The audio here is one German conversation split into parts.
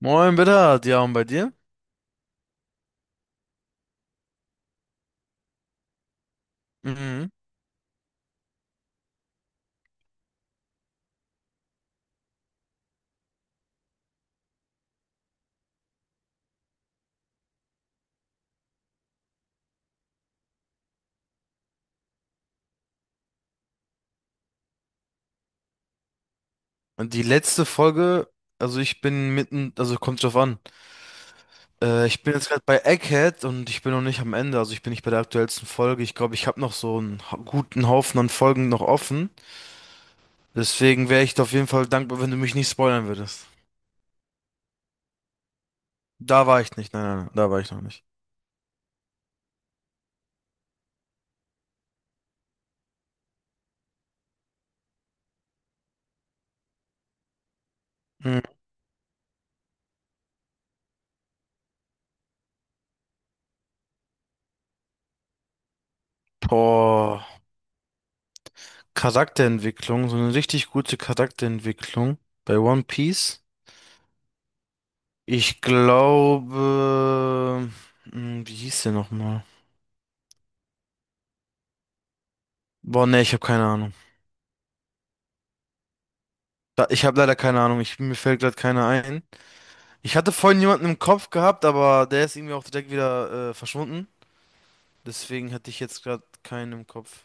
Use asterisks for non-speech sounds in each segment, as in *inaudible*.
Moin, bitte. Ja, und bei dir? Mhm. Und die letzte Folge, also ich bin mitten, also kommt drauf an. Ich bin jetzt gerade bei Egghead und ich bin noch nicht am Ende, also ich bin nicht bei der aktuellsten Folge. Ich glaube, ich habe noch so einen guten Haufen an Folgen noch offen. Deswegen wäre ich dir auf jeden Fall dankbar, wenn du mich nicht spoilern würdest. Da war ich nicht, nein, nein, nein, da war ich noch nicht. Mhm. Boah, Charakterentwicklung, so eine richtig gute Charakterentwicklung bei One Piece. Ich glaube, wie hieß der nochmal? Boah, nee, ich habe keine Ahnung. Ich habe leider keine Ahnung. Ich, mir fällt gerade keiner ein. Ich hatte vorhin jemanden im Kopf gehabt, aber der ist irgendwie auch direkt wieder verschwunden. Deswegen hatte ich jetzt gerade keinen im Kopf,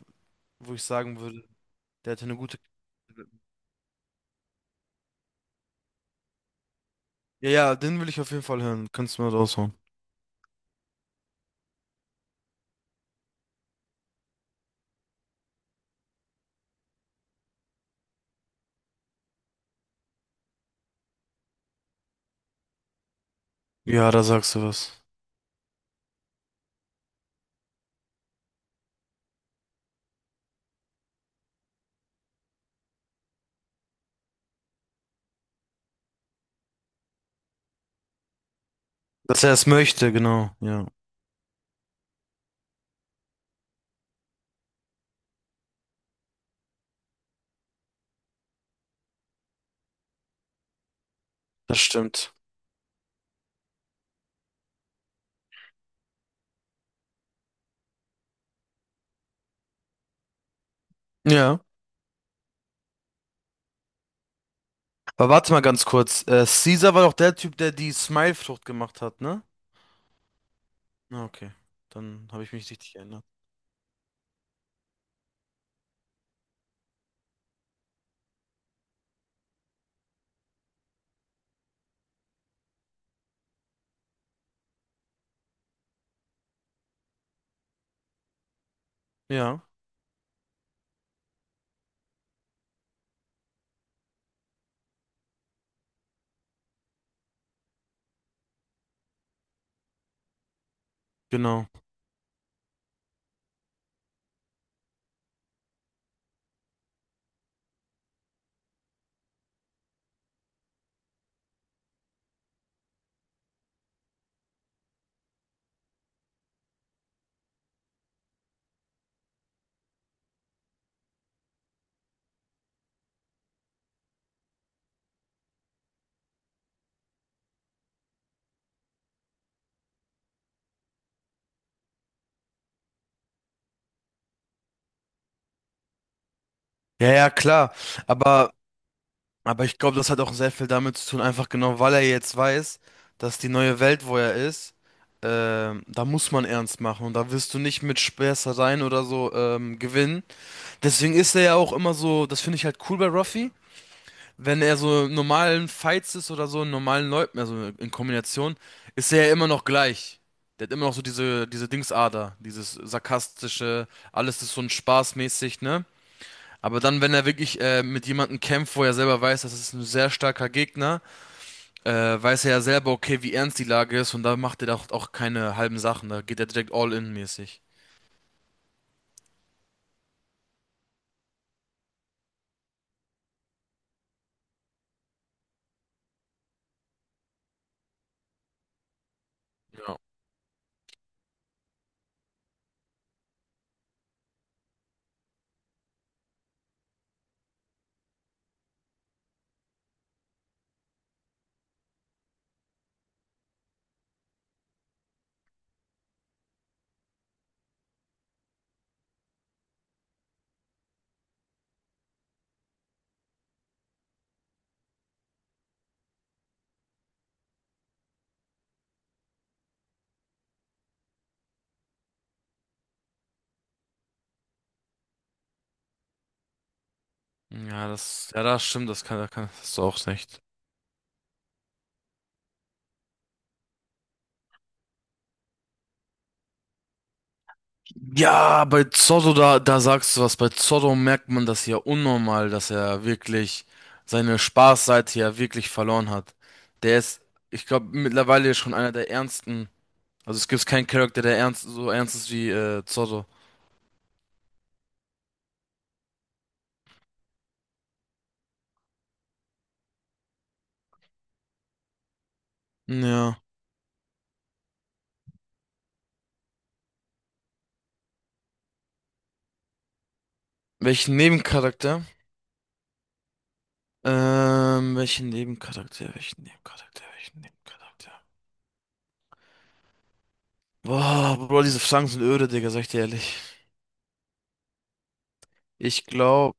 wo ich sagen würde, der hatte eine gute. Ja, ja, den will ich auf jeden Fall hören. Kannst du mal raushauen. Ja, da sagst du was. Dass er es möchte, genau. Ja, das stimmt. Ja. Aber warte mal ganz kurz. Caesar war doch der Typ, der die Smile-Frucht gemacht hat, ne? Ah, okay. Dann habe ich mich richtig erinnert. Ja, genau. Ja, ja, klar. Aber Aber ich glaube, das hat auch sehr viel damit zu tun, einfach genau, weil er jetzt weiß, dass die neue Welt, wo er ist, da muss man ernst machen und da wirst du nicht mit Späßereien oder so gewinnen. Deswegen ist er ja auch immer so, das finde ich halt cool bei Ruffy, wenn er so in normalen Fights ist oder so, in normalen Leuten, also in Kombination, ist er ja immer noch gleich. Der hat immer noch so diese, diese Dingsader, dieses sarkastische, alles ist so ein Spaß mäßig, ne? Aber dann, wenn er wirklich mit jemandem kämpft, wo er selber weiß, das ist ein sehr starker Gegner, äh, weiß er ja selber, okay, wie ernst die Lage ist und da macht er doch auch keine halben Sachen. Da geht er direkt all in mäßig. Ja. Ja, das stimmt, das kann, das kann, das ist auch recht. Ja, bei Zorro, da, da sagst du was. Bei Zorro merkt man das ja unnormal, dass er wirklich seine Spaßseite ja wirklich verloren hat. Der ist, ich glaube, mittlerweile schon einer der ernsten. Also es gibt keinen Charakter, der ernst, so ernst ist wie Zorro. Ja. Welchen Nebencharakter? Welchen Nebencharakter? Welchen Nebencharakter? Welchen Nebencharakter? Boah, Bro, diese Fragen sind öde, Digga, sag ich dir ehrlich. Ich glaube.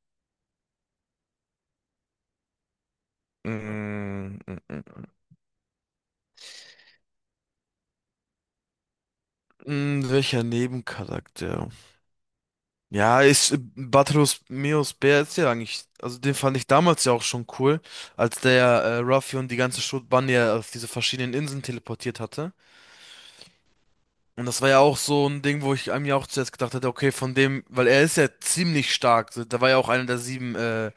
Mm, mm, mm, welcher Nebencharakter? Ja, ist Batros Meus Bär ist ja eigentlich. Also den fand ich damals ja auch schon cool, als der Ruffy und die ganze Schrotbande ja auf diese verschiedenen Inseln teleportiert hatte. Und das war ja auch so ein Ding, wo ich einem ja auch zuerst gedacht hätte, okay, von dem, weil er ist ja ziemlich stark. So, da war ja auch einer der sieben,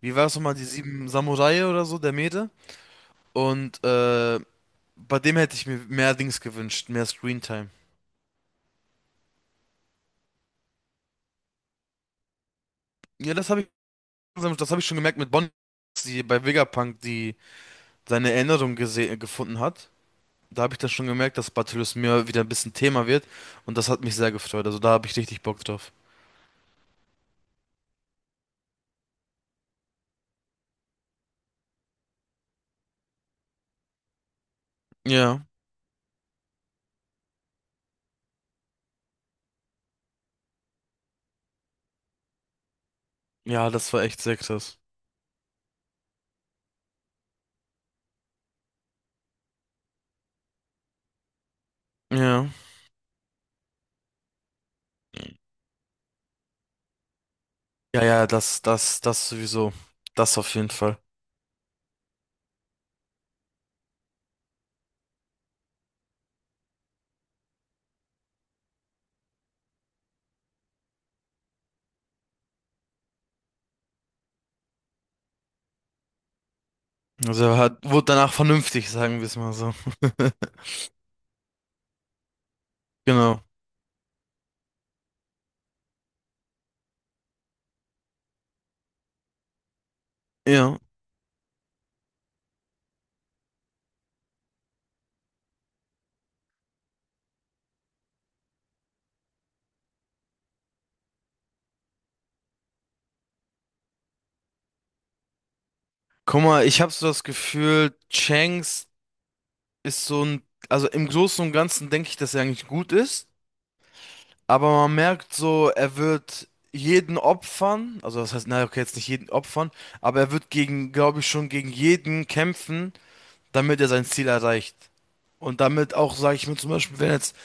wie war es nochmal, die sieben Samurai oder so, der Mete. Und bei dem hätte ich mir mehr Dings gewünscht, mehr Screentime. Ja, das habe ich schon gemerkt mit Bonnie, die bei Vegapunk, die seine Erinnerung gefunden hat. Da habe ich dann schon gemerkt, dass Battlus mir wieder ein bisschen Thema wird. Und das hat mich sehr gefreut. Also da habe ich richtig Bock drauf. Ja, ja, das war echt sehr krass. Ja. Ja, ja, das, das, das sowieso. Das auf jeden Fall. Also er hat, wurde danach vernünftig, sagen wir es mal so. *laughs* Genau. Ja. Guck mal, ich habe so das Gefühl, Changs ist so ein, also im Großen und Ganzen denke ich, dass er eigentlich gut ist, aber man merkt so, er wird jeden opfern, also das heißt, naja, okay, jetzt nicht jeden opfern, aber er wird gegen, glaube ich, schon gegen jeden kämpfen, damit er sein Ziel erreicht. Und damit auch, sage ich mir zum Beispiel, wenn jetzt,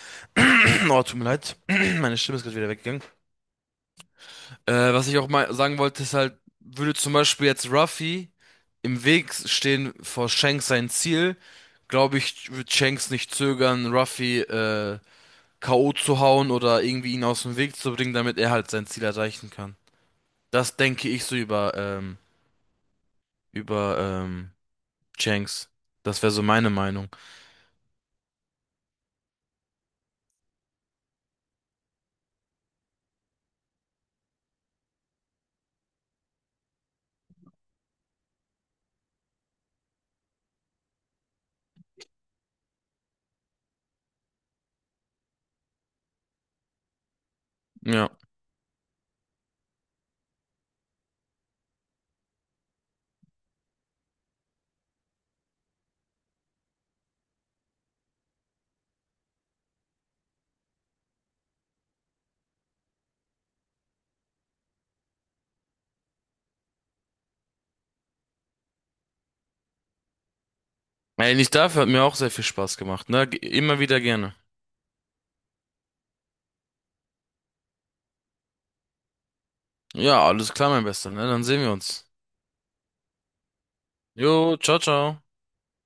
*clears throat* oh, tut mir leid, *clears throat* meine Stimme ist gerade wieder weggegangen. Was ich auch mal sagen wollte, ist halt, würde zum Beispiel jetzt Ruffy im Weg stehen vor Shanks sein Ziel, glaube ich, wird Shanks nicht zögern, Ruffy K.O. zu hauen oder irgendwie ihn aus dem Weg zu bringen, damit er halt sein Ziel erreichen kann. Das denke ich so über, über Shanks. Das wäre so meine Meinung. Ja. Ey, nicht dafür hat mir auch sehr viel Spaß gemacht, ne? Immer wieder gerne. Ja, alles klar, mein Bester, ne? Dann sehen wir uns. Jo, ciao, ciao.